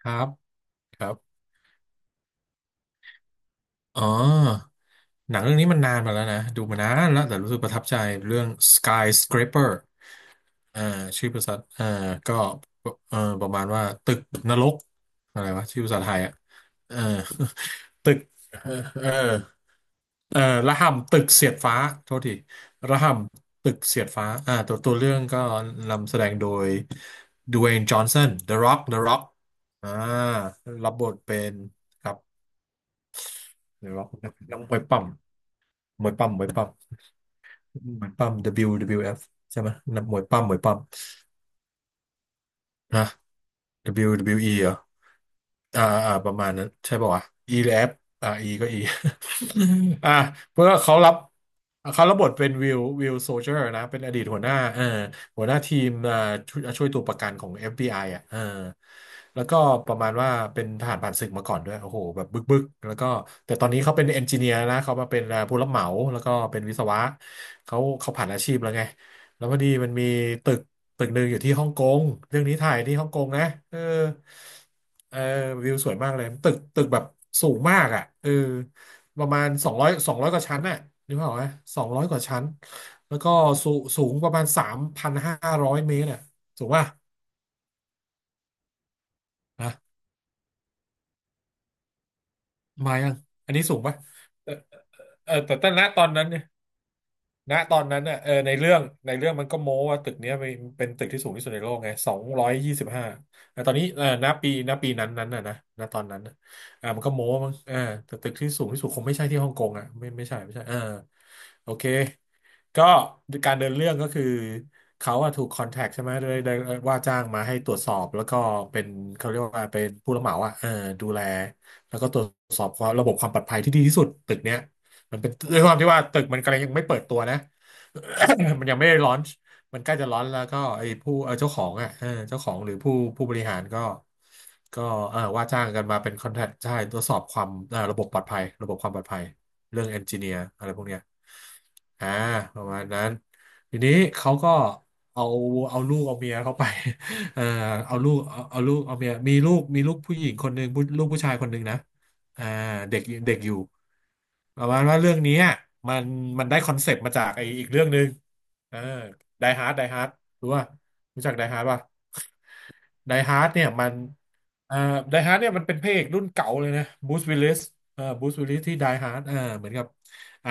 ครับครับ อ๋อ หนังเรื่องนี้มันนานมาแล้วนะ ดูมานานแล้วแต่รู้สึกประทับใจเรื่อง Skyscraper อ่าชื่อภาษาอ่าก็ประมาณว่าตึกนรกอะไรวะชื่อภาษาไทยอ่ะเออ ตึกเออเออเออระห่ำตึกเสียดฟ้า โทษทีระห่ำตึกเสียดฟ้าอ่าตัวเรื่องก็นำแสดงโดยดเว y นจอห์นสัน The Rock อ่ารับบทเป็นครับ The Rock นักมวยปั้ม มวยปั้มมวยปั้มมวยปั้ม WWF ใช่ไหมนับมวยปั้มฮะ WWE เบิลยูดับเบิลยูอีเหรอ อ่าประมาณนั้นใช่ป่าววะ E แลบอ F E ก็ E อ่าเพื่อเขารับเขารับบทเป็นวิลโซเจอร์นะเป็นอดีตหัวหน้าหัวหน้าทีมอ่าช่วยตัวประกันของ FBI อฟบีไออ่ะเออแล้วก็ประมาณว่าเป็นทหารผ่านศึกมาก่อนด้วยโอ้โหแบบบึกแล้วก็แต่ตอนนี้เขาเป็นเอนจิเนียร์นะเขามาเป็นผู้รับเหมาแล้วก็เป็นวิศวะเขาผ่านอาชีพแล้วไงแล้วพอดีมันมีตึกตึกหนึ่งอยู่ที่ฮ่องกงเรื่องนี้ถ่ายที่ฮ่องกงนะเออ เออวิวสวยมากเลยตึกแบบสูงมากอ่ะเออประมาณสองร้อยกว่าชั้นน่ะนึกภาพออกไหมสองร้อยกว่าชั้นแล้วก็สูสูงประมาณสามพันห้าร้อยเมตรอ่ะสูงป่ะนะมายังอันนี้สูงป่ะเออเออแต่ตอนนั้นเนี่ย ณตอนนั้นน่ะเออในเรื่องมันก็โม้ว่าตึกเนี้ยเป็นตึกที่สูงที่สุดในโลกไงสองร้อยยี่สิบห้าแต่ตอนนี้เออณปีนั้นน่ะนะณตอนนั้นน่ะมันก็โม้มั้งเออแต่ตึกที่สูงที่สุดคงไม่ใช่ที่ฮ่องกงอ่ะไม่ใช่เออโอเคก็การเดินเรื่องก็คือเขาอะถูกคอนแทคใช่ไหมได้ว่าจ้างมาให้ตรวจสอบแล้วก็เป็นเขาเรียกว่าเป็นผู้รับเหมาอะเออดูแลแล้วก็ตรวจสอบความระบบความปลอดภัยที่ดีที่สุดตึกเนี้ย มันเป็นด้วยความที่ว่าตึกมันกำลังยังไม่เปิดตัวนะ มันยังไม่ได้ลอนช์มันใกล้จะลอนช์แล้วก็ไอ้ผู้เจ้าของอ่ะเออเจ้าของหรือผู้บริหารก็ก็เออว่าจ้างกันมาเป็นคอนแทคใช่ตรวจสอบความระบบปลอดภัยระบบความปลอดภัยเรื่องเอนจิเนียร์อะไรพวกเนี้ยอ่าประมาณนั้นทีนี้เขาก็เอาเอาลูกเอาเมียเขาไป เออเอาลูกเอาเอาเมียมีลูกผู้หญิงคนหนึ่งลูกผู้ชายคนหนึ่งนะ อ่าเด็กเด็กอยู่ประมาณว่าเรื่องนี้อะมันมันได้คอนเซปต์มาจากไออีกเรื่องหนึ่งเออไดฮาร์ดรู้ป่ะรู้จักไดฮาร์ดป่ะ ไดฮาร์ดเนี่ยมันเอ่อไดฮาร์ดเนี่ยมันเป็นพระเอกรุ่นเก่าเลยนะบูสวิลลิสเอ่อบูสวิลลิสที่ไดฮาร์ดเอ่อเหมือนกับอ่า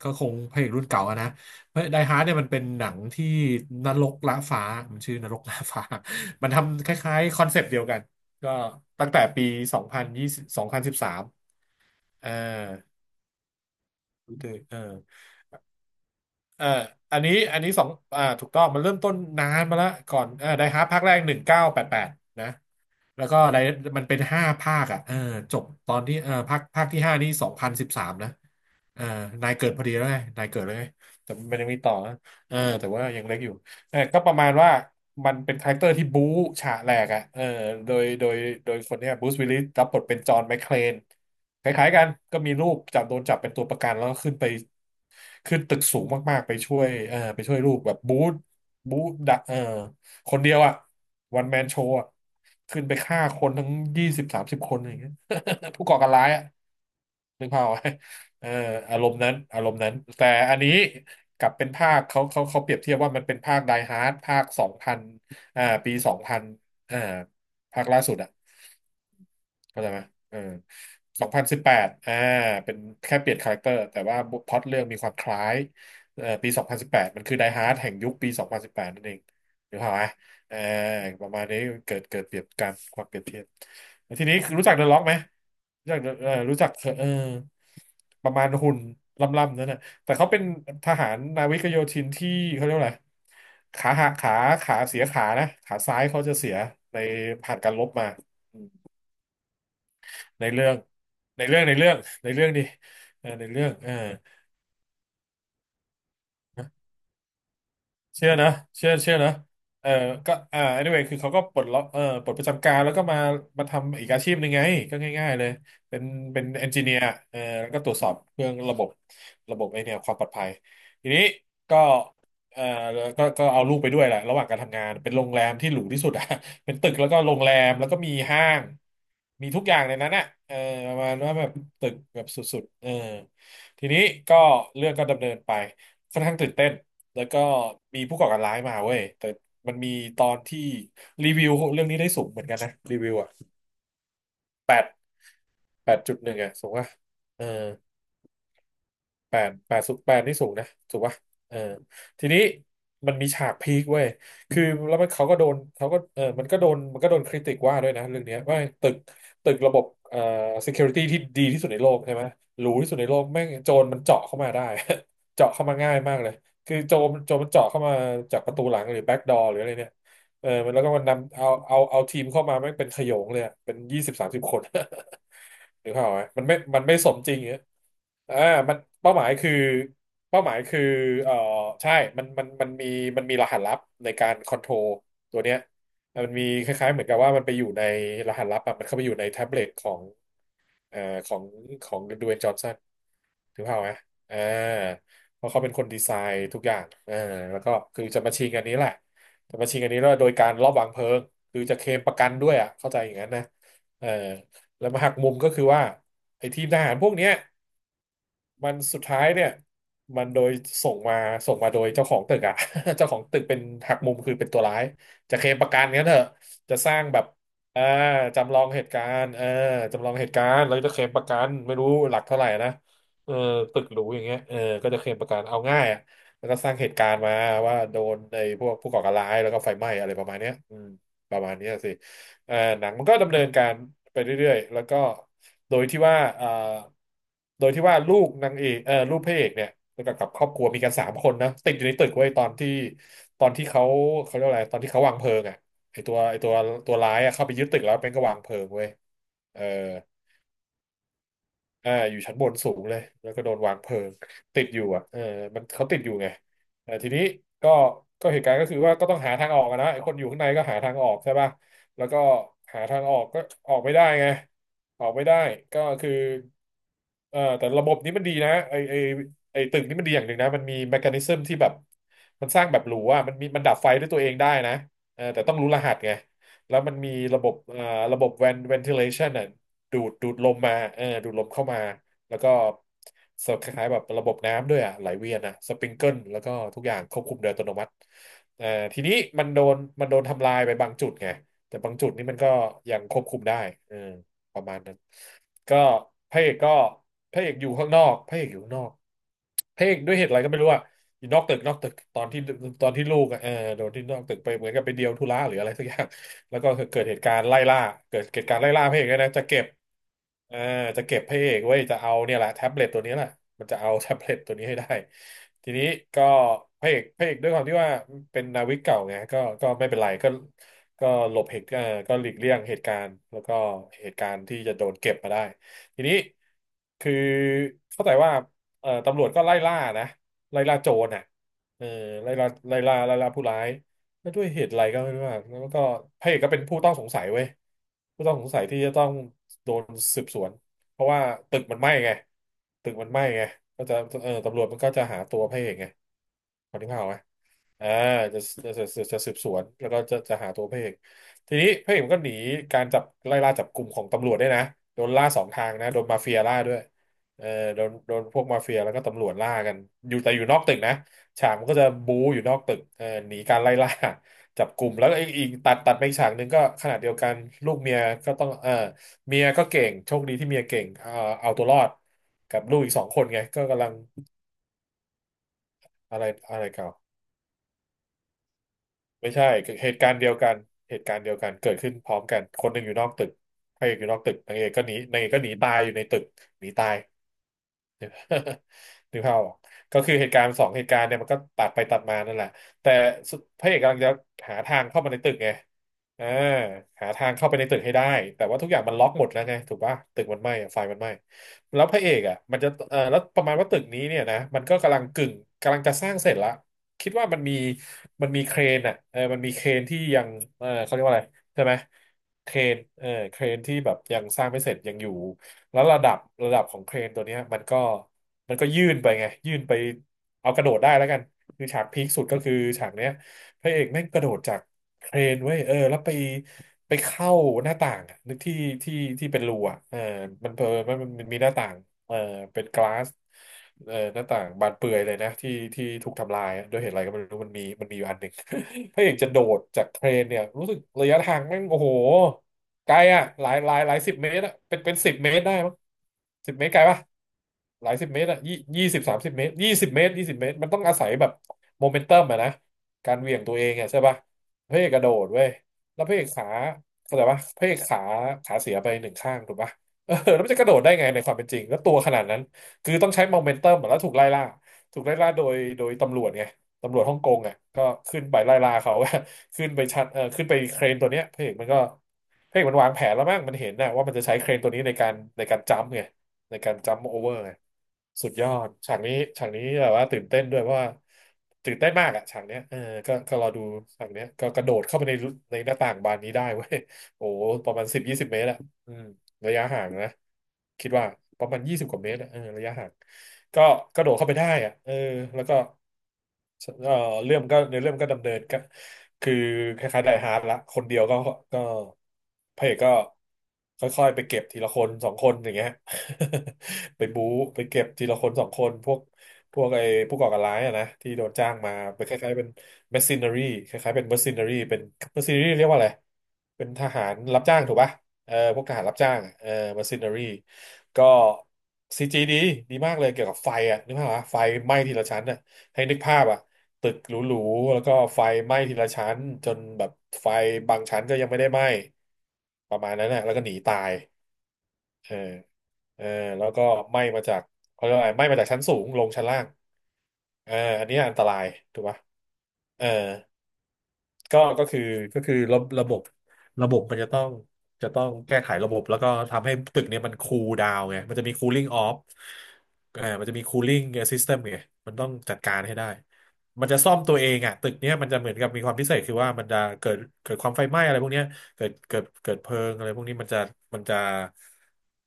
ก็คงพระเอกรุ่นเก่าอะนะเพราะไดฮาร์ดเนี่ยมันเป็นหนังที่นรกละฟ้ามันชื่อนรกละฟ้า มันทำคล้ายๆคอนเซปต์เดียวกันก็ตั้งแต่ปีสองพันสิบสามเอ่อ Twitter เออ อ่าอันนี้สองถูกต้อง มันเริ่มต้นนานมาแล้ว ก่อนไดฮาร์ภาคแรกหนึ่งเก้าแปดแปดนะแล้วก็มันเป็นห้าภาคอ่ะเออจบตอนที่เออภาคที่ห้านี่สองพันสิบสามนะเออนายเกิดพอดีแล้วไงนายเกิดแล้วไงแต่มันยังมีต่อนะเออแต่ว่ายังเล็กอยู่ เออก็ประมาณว่ามันเป็นคาแรคเตอร์ที่บู๊ฉะแหลกอ่ะเออโดย โดยโดยคนเนี้ยบรูซวิลลิสรับบทเป็นจอห์นแมคเคลนคล้ายๆกันก็มีลูกโดนจับเป็นตัวประกันแล้วก็ขึ้นไปตึกสูงมากๆไปช่วยเออไปช่วยลูกแบบบู๊บู๊ดะเออคนเดียวอ่ะวันแมนโชว์อ่ะขึ้นไปฆ่าคนทั้งยี่สิบสามสิบคนอย่างเงี้ย ผู้ก่อการร้ายอ่ะนึกภาพไว้ เอ่ออารมณ์นั้นแต่อันนี้กลับเป็นภาคเขาเปรียบเทียบว่ามันเป็นภาคไดฮาร์ดภาคสองพันปีสองพันอ่าภาคล่าสุดอะ เข้าใจไหมเออสองพันสิบแปดอ่าเป็นแค่เปลี่ยนคาแรคเตอร์แต่ว่าพล็อตเรื่องมีความคล้ายปีสองพันสิบแปดมันคือไดฮาร์ดแห่งยุคปีสองพันสิบแปดนั่นเองหรือเปล่าไหมเออประมาณนี้เกิดเปรียบการความเปรียบเทียบแล้วทีนี้คือรู้จักเดอะล็อกไหมรู้จัก เออรู้จักเออประมาณหุ่นล่ำๆนั่นนะแต่เขาเป็นทหารนาวิกโยธินที่เขาเรียกว่าอะไรขาหักขาขาเสียขานะขาซ้ายเขาจะเสียในผ่านการรบมา ในเรื่องในเรื่องในเรื่องในเรื่องดิเออในเรื่องเออ เชื่อนะเชื่อนะเออก็anyway คือเขาก็ปลดล็อกปลดประจำการแล้วก็มาทำอีกอาชีพหนึ่งไงก็ง่ายๆเลยเป็นเป็นเอนจิเนียร์เออแล้วก็ตรวจสอบเรื่องระบบระบบไอเนี่ยความปลอดภัยทีนี้ก็เออก็เอาลูกไปด้วยแหละระหว่างการทำงานเป็นโรงแรมที่หรูที่สุดอะ เป็นตึกแล้วก็โรงแรมแล้วก็มีห้างมีทุกอย่างในนั้นอะเออประมาณว่าแบบตึกแบบสุดๆเออทีนี้ก็เรื่องก็ดำเนินไปค่อนข้างตื่นเต้น แล้วก็มีผู้ก่อการร้ายมาเว้ยแต่มันมีตอนที่รีวิวเรื่องนี้ได้สูงเหมือนกันนะรีวิวอ่ะแปดแปดจุดหนึ่งอ่ะสูงอ่ะเออ แปดแปดสูงแปดนี่สูงนะถูกปะเออทีนี้มันมีฉากพีคเว้ยคือแล้วมันเขาก็โดนเขาก็มันก็โดนคริติกว่าด้วยนะเรื่องเนี้ยว่าตึกระบบsecurity ที่ดีที่สุดในโลกใช่ไหมหรูที่สุดในโลกแม่งโจรมันเจาะเข้ามาได้ เจาะเข้ามาง่ายมากเลยคือโจรมันเจาะเข้ามาจากประตูหลังหรือ back door หรืออะไรเนี่ยเออมันแล้วก็มันนำเอาทีมเข้ามาแม่งเป็นขโยงเลยอะเป็นยี่สิบสามสิบคน หรือเปล่าพไหมมันไม่มันไม่สมจริงอย่างเงี้ยอ่ามันเป้าหมายคือเป้าหมายคือเอ่อใช่มันมันมีรหัสลับในการคอนโทรลตัวเนี้ย มันมีคล้ายๆเหมือนกับว่ามันไปอยู่ในรหัสลับอะมันเข้าไปอยู่ในแท็บเล็ตของ เอ่อของดเวย์นจอห์นสันถึงเปล่าพไหมเอาเพราะเขาเป็นคนดีไซน์ทุกอย่างเออแล้วก็คือจะมาชิงอันนี้แหละจะมาชิงอันนี้แล้วโดยการลอบวางเพลิงคือจะเคลมประกันด้วยอ่ะเข้าใจอย่างนั้นนะเออแล้วมาหักมุมก็คือว่าไอ้ทีมทหารพวกเนี้ย มันสุดท้ายเนี่ยมันโดยส่งมาโดยเจ้าของตึกอะ เจ้าของตึกเป็นหักมุมคือเป็นตัวร้ายจะเคลมประกันงั้นเถอะจะสร้างแบบอ่าจำลองเหตุการณ์เออจำลองเหตุการณ์แล้วจะเคลมประกันไม่รู้หลักเท่าไหร่นะเออตึกหรูอย่างเงี้ยเออก็จะเคลมประกันเอาง่ายอะแล้วก็สร้างเหตุการณ์มาว่าโดนไอ้พวกผู้ก่อการร้ายแล้วก็ไฟไหม้อะไรประมาณเนี้ยอืมประมาณเนี้ยสิ หนังมันก็ดำเนินการไปเรื่อยๆแล้วก็โดยที่ว่าโดยที่ว่าลูกนางเอกเอ่อลูกพระเอกเนี่ยแล้วก็กับครอบครัวมีกันสามคนนะติดอยู่ในตึกไว้ยตอนที่เขาเขาเรียกว่าอะไรตอนที่เขาวางเพลิงอ่ะไอตัวตัวร้ายอะเข้าไปยึดตึกแล้วเป็นก็วางเพลิงเว้ยเออ อ่าอยู่ชั้นบนสูงเลยแล้วก็โดนวางเพลิงติดอยู่อ่ะเออมันเขาติดอยู่ไงแต่ทีนี้ก็เหตุการณ์ก็คือว่าก็ต้องหาทางออกอะนะไอ้คนอยู่ข้างในก็หาทางออกใช่ป่ะแล้วก็หาทางออกก็ออกไม่ได้ไงออกไม่ได้ก็คือแต่ระบบนี้มันดีนะไอตึกนี้มันดีอย่างหนึ่งนะมันมีแมคานิซึมที่แบบมันสร้างแบบหรูอ่ะมันมีมันดับไฟด้วยตัวเองได้นะเออแต่ต้องรู้รหัสไง แล้วมันมีระบบระบบ ventilation น่ะดูดลมมาเออดูดลมเข้ามา แล้วก็สคล้ายๆแบบระบบน้ำด้วยอ่ะไหลเวียนอ่ะสปริงเกิลแล้วก็ทุกอย่างควบคุมโดยอัตโนมัติเอ่อทีนี้มันโดนทำลายไปบางจุดไงแต่บางจุดนี่มันก็ยังควบคุมได้เออประมาณนั้นก็พระเอกก็พระเอกอยู่ข้างนอกพระเอกอยู่ข้างนอกพระเอกด้วยเหตุอะไรก็ไม่รู้อะอยู่นอกตึกตอนที่ลูกอะเออโดนที่นอกตึกไปเหมือนกับไปเดียวธุระหรืออะไรสักอย่าง แล้วก็เกิดเหตุการณ์ไล่ล่าพระเอกด้วยนะเอ่าจะเก็บพระเอกไว้ยจะเอาเนี่ยแหละแท็บเล็ตตัวนี้แหละมันจะเอา แท็บเล็ตตัวนี้ให้ได้ทีนี้ก็พระเอกด้วยความที่ว่าเป็นนาวิกเก่าไงก็ไม่เป็นไรก็หลบเหตุเอ่อก็หลีกเลี่ยงเหตุการณ์แล้วก็เหตุการณ์ที่จะโดนเก็บมาได้ทีนี้คือเข้าใจว่าตำรวจก็ไล่ล่านะไล่ล่าโจรน่ะเออไล่ล่าผู้ร้าย แล้วด้วยเหตุอะไรก็ไม่รู้อะแล้วก็พระเอกก็เป็นผู้ต้องสงสัยเว้ยผู้ต้องสงสัยที่จะต้องโดนสืบสวนเพราะว่าตึกมันไหม้ไงตึกมันไหม้ไงก็จะเออตำรวจมันก็จะหาตัวพระเอกไงพอที่ภาพออกไหมอ่าจะจะสืบสวนแล้วก็จะหาตัวพระเอกทีนี้พระเอกมันก็หนีการจับไล่ล่าจับกลุ่มของตำรวจด้วยนะโดนล่าสองทางนะโดนมาเฟียล่าด้วยเออโดนพวกมาเฟียแล้วก็ตำรวจล่ากันอยู่แต่อยู่นอกตึกนะ ฉากมันก็จะบู๊อยู่นอกตึกหนีการไล่ล่า จับกลุ่มแล้วก็อีกตัดไปอีกฉากหนึ่งก็ขนาดเดียวกันลูกเมียก็ต้องเออเมียก็เก่งโชคดีที่เมียเก่งเอาตัวรอดกับลูกอีกสองคนไงก็กำลังอะไรอะไรเก่าไม่ใช่เหตุการณ์เดียวกันเหตุการณ์เดียวกันเกิดขึ้นพร้อมกันคนหนึ่งอยู่นอกตึกพระเอกอยู่นอกตึกนางเอกก็หนีตายอยู่ในตึกหนีตาย นึกภาพออกก็คือเหตุการณ์สองเหตุการณ์เนี่ยมันก็ตัดไปตัดมานั่นแหละแต่สุดพระเอกกำลังจะหาทางเข้ามาในตึกไงอ่าหาทางเข้าไปในตึกให้ได้แต่ว่าทุกอย่างมันล็อกหมดแล้วไงถูกป่ะตึกมันไหม้อะไฟมันไหม้แล้วพระเอกอ่ะมันจะเออแล้วประมาณว่าตึกนี้เนี่ยนะมันก็กำลังกำลังจะสร้างเสร็จละคิดว่ามันมีเครนอ่ะมันมีเครนที่ยังเขาเรียกว่าอะไรใช่ไหมเครนเครนที่แบบยังสร้างไม่เสร็จยังอยู่ แล้วระดับของเครนตัวเนี้ยมันก็ยื่นไปไงยื่นไปเอากระโดดได้แล้วกันคือฉากพีคสุดก็คือฉากเนี้ยพระเอกแม่งกระโดดจากเครนเว้ยแล้วไปไปเข้าหน้าต่างอะนึกที่ที่ที่เป็นรูอ่ะมันเผลอมันมีหน้าต่าง เออเป็นกลาสหน้าต่างบานเปื่อยเลยนะที่ที่ถูกทำลายอะด้วยเหตุอะไรก็ไม่รู้มันมีอยู่อันหนึ่ง พระเอกจะโดดจากเครนเนี่ยรู้สึกระยะทางแม่งโอ้โหไกลอ่ะหลายสิบเมตรอ่ะเป็นสิบเมตรได้มั้งสิบเมตรไกลปะหลายสิบเมตรอ่ะ20 30 เมตรยี่สิบเมตรมันต้องอาศัยแบบโมเมนตัมอะนะการเหวี่ยงตัวเองอะใช่ปะพระเอกกระโดดเว้ยแล้วพระเอกขาเข้าใจปะพระเอกขาขาเสียไปหนึ่งข้างถูกปะ เออแล้วมันจะกระโดดได้ไงในความเป็นจริงแล้วตัวขนาดนั้นคือต้องใช้โมเมนตัมแล้วถูกไล่ล่าถูกไล่ล่าโดยตำรวจไงตำรวจฮ่องกงอ่ะก็ขึ้นไปไล่ล่าเขา ขึ้นไปชัดขึ้นไปเครนตัวเนี้ยพระเอกมันวางแผนแล้วมั้งมันเห็นนะว่ามันจะใช้เครนตัวนี้ในการจัมป์ไงในการจัมป์โอเวอร์ไงสุดยอดฉากนี้ฉากนี้แบบว่าตื่นเต้นด้วยเพราะว่าตื่นเต้นมากอ่ะฉากเนี้ยก็รอดูฉากเนี้ยก็กระโดดเข้าไปในในหน้าต่างบานนี้ได้เว้ยโอ้โหประมาณ10 20 เมตรอ่ะอืม ระยะห่างนะคิดว่าประมาณ20 กว่าเมตรอะเออระยะห่างก็กระโดดเข้าไปได้อะแล้วก็เออเรื่องก็ในเรื่องก็ดำเนินก็คือคล้ายๆไดฮาร์ดละคนเดียวก็ก็พระเอกก็ค่อยๆไปเก็บทีละคนสองคนอย่างเงี้ย ไปบู๊ไปเก็บทีละคนสองคนพวกไอ้ผู้ก่อการร้ายอะนะที่โดนจ้างมาเป็นคล้ายๆเป็น mercenary คล้ายๆเป็น mercenary เป็น mercenary เรียกว่าอะไรเป็นทหารรับจ้างถูกปะ เออพวกทหารรับจ้างเออมาซินเนอรี่ก็ซีจีดีมากเลยเกี่ยวกับไฟอ่ะนึกภาพว่าไฟไหม้ทีละชั้นอ่ะให้นึกภาพอ่ะตึกหรูๆแล้วก็ไฟไหม้ทีละชั้นจนแบบไฟบางชั้นก็ยังไม่ได้ไหม้ประมาณนั้นนะแล้วก็หนีตายเออเออแล้วก็ไหม้มาจากเขาเรียกว่าอะไรไหม้มาจากชั้นสูงลงชั้นล่างเอออันนี้อันตรายถูกปะเออ ก็คือก็คือระบบระบบ มันจะต้องแก้ไขระบบแล้วก็ทำให้ตึกเนี่ยมันคูลดาวน์ไงมันจะมี cooling off เออมันจะมี cooling system ไงมันต้องจัดการให้ได้ มันจะซ่อมตัวเองอ่ะตึกเนี้ยมันจะเหมือนกับมีความพิเศษคือว่ามันจะเกิดความไฟไหม้อะไรพวกเนี้ยเกิดเพลิงอะไรพวกนี้มันจะ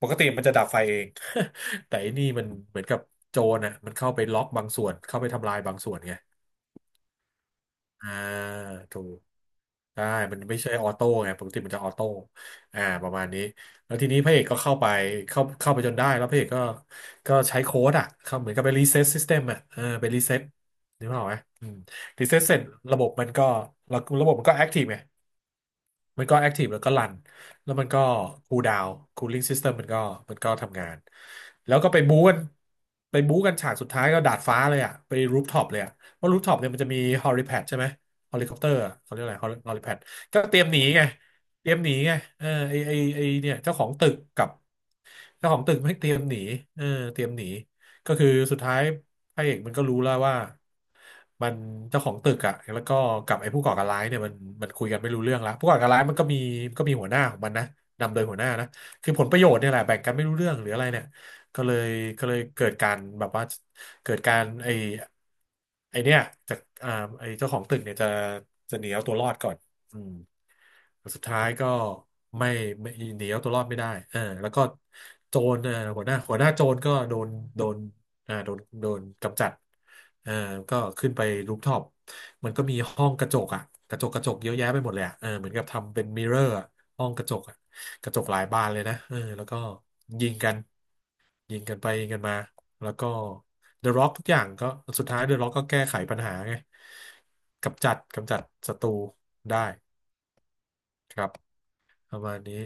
ปกติมันจะดับไฟเอง แต่ไอันนี้มันเหมือนกับโจรนะมันเข้าไปล็อกบางส่วนเข้าไปทำลายบางส่วนไง อ่าถูกได้มันไม่ใช่ออโต้ไงปกติมันจะออโต้อ่าประมาณนี้แล้วทีนี้พระเอกก็เข้าไปเข้าไปจนได้แล้วพระเอกก็ก็ใช้โค้ดอ่ะเข้าเหมือนกับไปรีเซ็ตซิสเต็มอ่ะเออไปรีเซ็ตนึกภาพออกไหมอืมรีเซ็ตเสร็จระบบมันก็ระบบมันก็แอคทีฟไง มันก็แอคทีฟแล้วก็รันแล้วมันก็คูลดาวน์คูลิ่งซิสเต็มมันก็ทำงาน แล้วก็ไปบู๊กันไปบู๊กันฉากสุดท้ายก็ดาดฟ้าเลยอ่ะไปรูฟท็อปเลยอ่ะเพราะรูฟท็อปเนี่ยมันจะมีฮอลิแพดใช่ไหมฮอลิคอปเตอร์เขาเรียกอะไรฮอลิแพดก็เตรียมหนีไงเตรียมหนีไงเออไอเนี่ยเจ้าของตึกกับ เจ้าของตึกไม่เตรียมหนีเออเตรียมหนีก็คือสุดท้ายพระเอกมันก็รู้แล้วว่ามันเจ้าของตึกอะแล้วก็กับไอ้ผู้ก่อการร้ายเนี่ยมันคุยกันไม่รู้เรื่องแล้วผู้ก่อการร้ายมันก็มีก็มีหัวหน้าของมันนะนำโดยหัวหน้านะคือผลประโยชน์เนี่ยแหละแบ่งกันไม่รู้เรื่องหรืออะไรเนี่ยก็เลยก็เลยเกิดการแบบว่าเกิดการไอ้เนี่ยจากอ่าไอ้เจ้าของตึกเนี่ยจะหนีเอาตัวรอดก่อนอืม สุดท้ายก็ไม่ไม่หนีเอาตัวรอดไม่ได้เออแล้วก็โจรเออหัวหน้าโจรก็โดนโดนโดนกำจัดเออก็ขึ้นไปรูฟท็อปมันก็มีห้องกระจกอ่ะกระจกเยอะแยะไปหมดเลยอ่ะเออเหมือนกับทำเป็นมิเรอร์อะห้องกระจกอ่ะกระจกหลายบานเลยนะเออแล้วก็ยิงกันยิงกันไปยิงกันมาแล้วก็เดอะร็อกทุกอย่างก็สุดท้ายเดอะร็อกก็แก้ไขปัญหาไงกำจัดศัตรูได้ครับประมาณนี้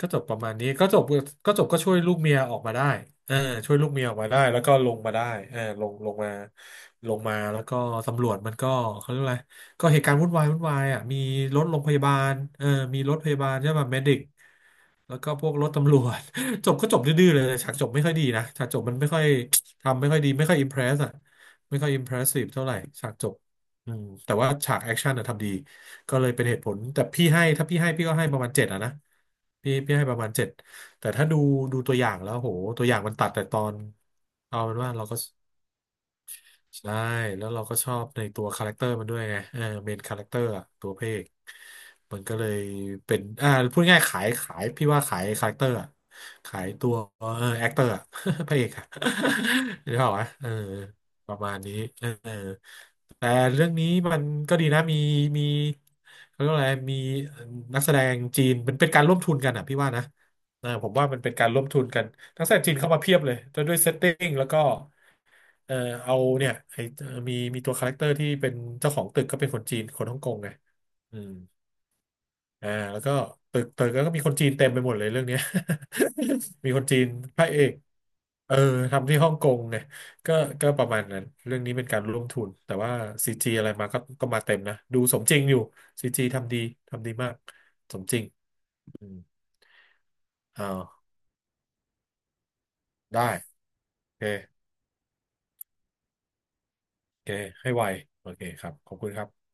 ก็จบประมาณนี้ก็จบก็จบก็ช่วยลูกเมียออกมาได้เออช่วยลูกเมียออกมาได้แล้วก็ลงมาได้เออลงมาลงมาแล้วก็ตำรวจมันก็เขาเรียกอะไรก็เหตุการณ์วุ่นวายอ่ะมีรถโรงพยาบาลเออมีรถพยาบาลใช่ป่ะเมดิก แล้วก็พวกรถตำรวจ จบก็จบดื้อๆเลยฉากจบไม่ค่อยดีนะฉากจบมันไม่ค่อยทำไม่ค่อยดีไม่ค่อยอิมเพรสอะไม่ค่อยอิมเพรสซีฟเท่าไหร่ฉากจบอืมแต่ว่าฉากแอคชั่นอะทำดีก็เลยเป็นเหตุผลแต่พี่ให้ถ้าพี่ให้พี่ก็ให้ประมาณเจ็ดอะนะพี่ให้ประมาณเจ็ดแต่ถ้าดูดูตัวอย่างแล้วโหตัวอย่างมันตัดแต่ตอนเอาเป็นว่าเราก็ใช่แล้วเราก็ชอบในตัวคาแรคเตอร์มันด้วยไงเออเมนคาแรคเตอร์อะตัวพระเอก มันก็เลยเป็นอ่าพูดง่ายๆขายพี่ว่าขายคาแรคเตอร์อะขายตัวเออแอคเตอร์อะ พระเอกอะ หรือเปล่าวะเออประมาณนี้เออแต่เรื่องนี้มันก็ดีนะมีเขาเรียกว่าอะไรมีนักแสดงจีนมันเป็นการร่วมทุนกันอ่ะพี่ว่านะเออผมว่ามันเป็นการร่วมทุนกันนักแสดงจีนเข้ามาเพียบเลยด้วยเซตติ้งแล้วก็เออเอาเนี่ยไอมีตัวคาแรคเตอร์ที่เป็นเจ้าของตึกก็เป็นคนจีนคนฮ่องกงไงอืม อ่าแล้วก็ตึกแล้วก็มีคนจีนเต็มไปหมดเลยเรื่องเนี้ย มีคนจีนพระเอกเออทำที่ฮ่องกงไงก็ก็ประมาณนั้นเรื่องนี้เป็นการร่วมทุนแต่ว่าซีจีอะไรมาก็ก็มาเต็มนะดูสมจริงอยู่ซีจีทำดีทำดีมากสมจริงอืมอ้าวได้โอเคโอเคให้ไวโอเคครับขอบคุณครับ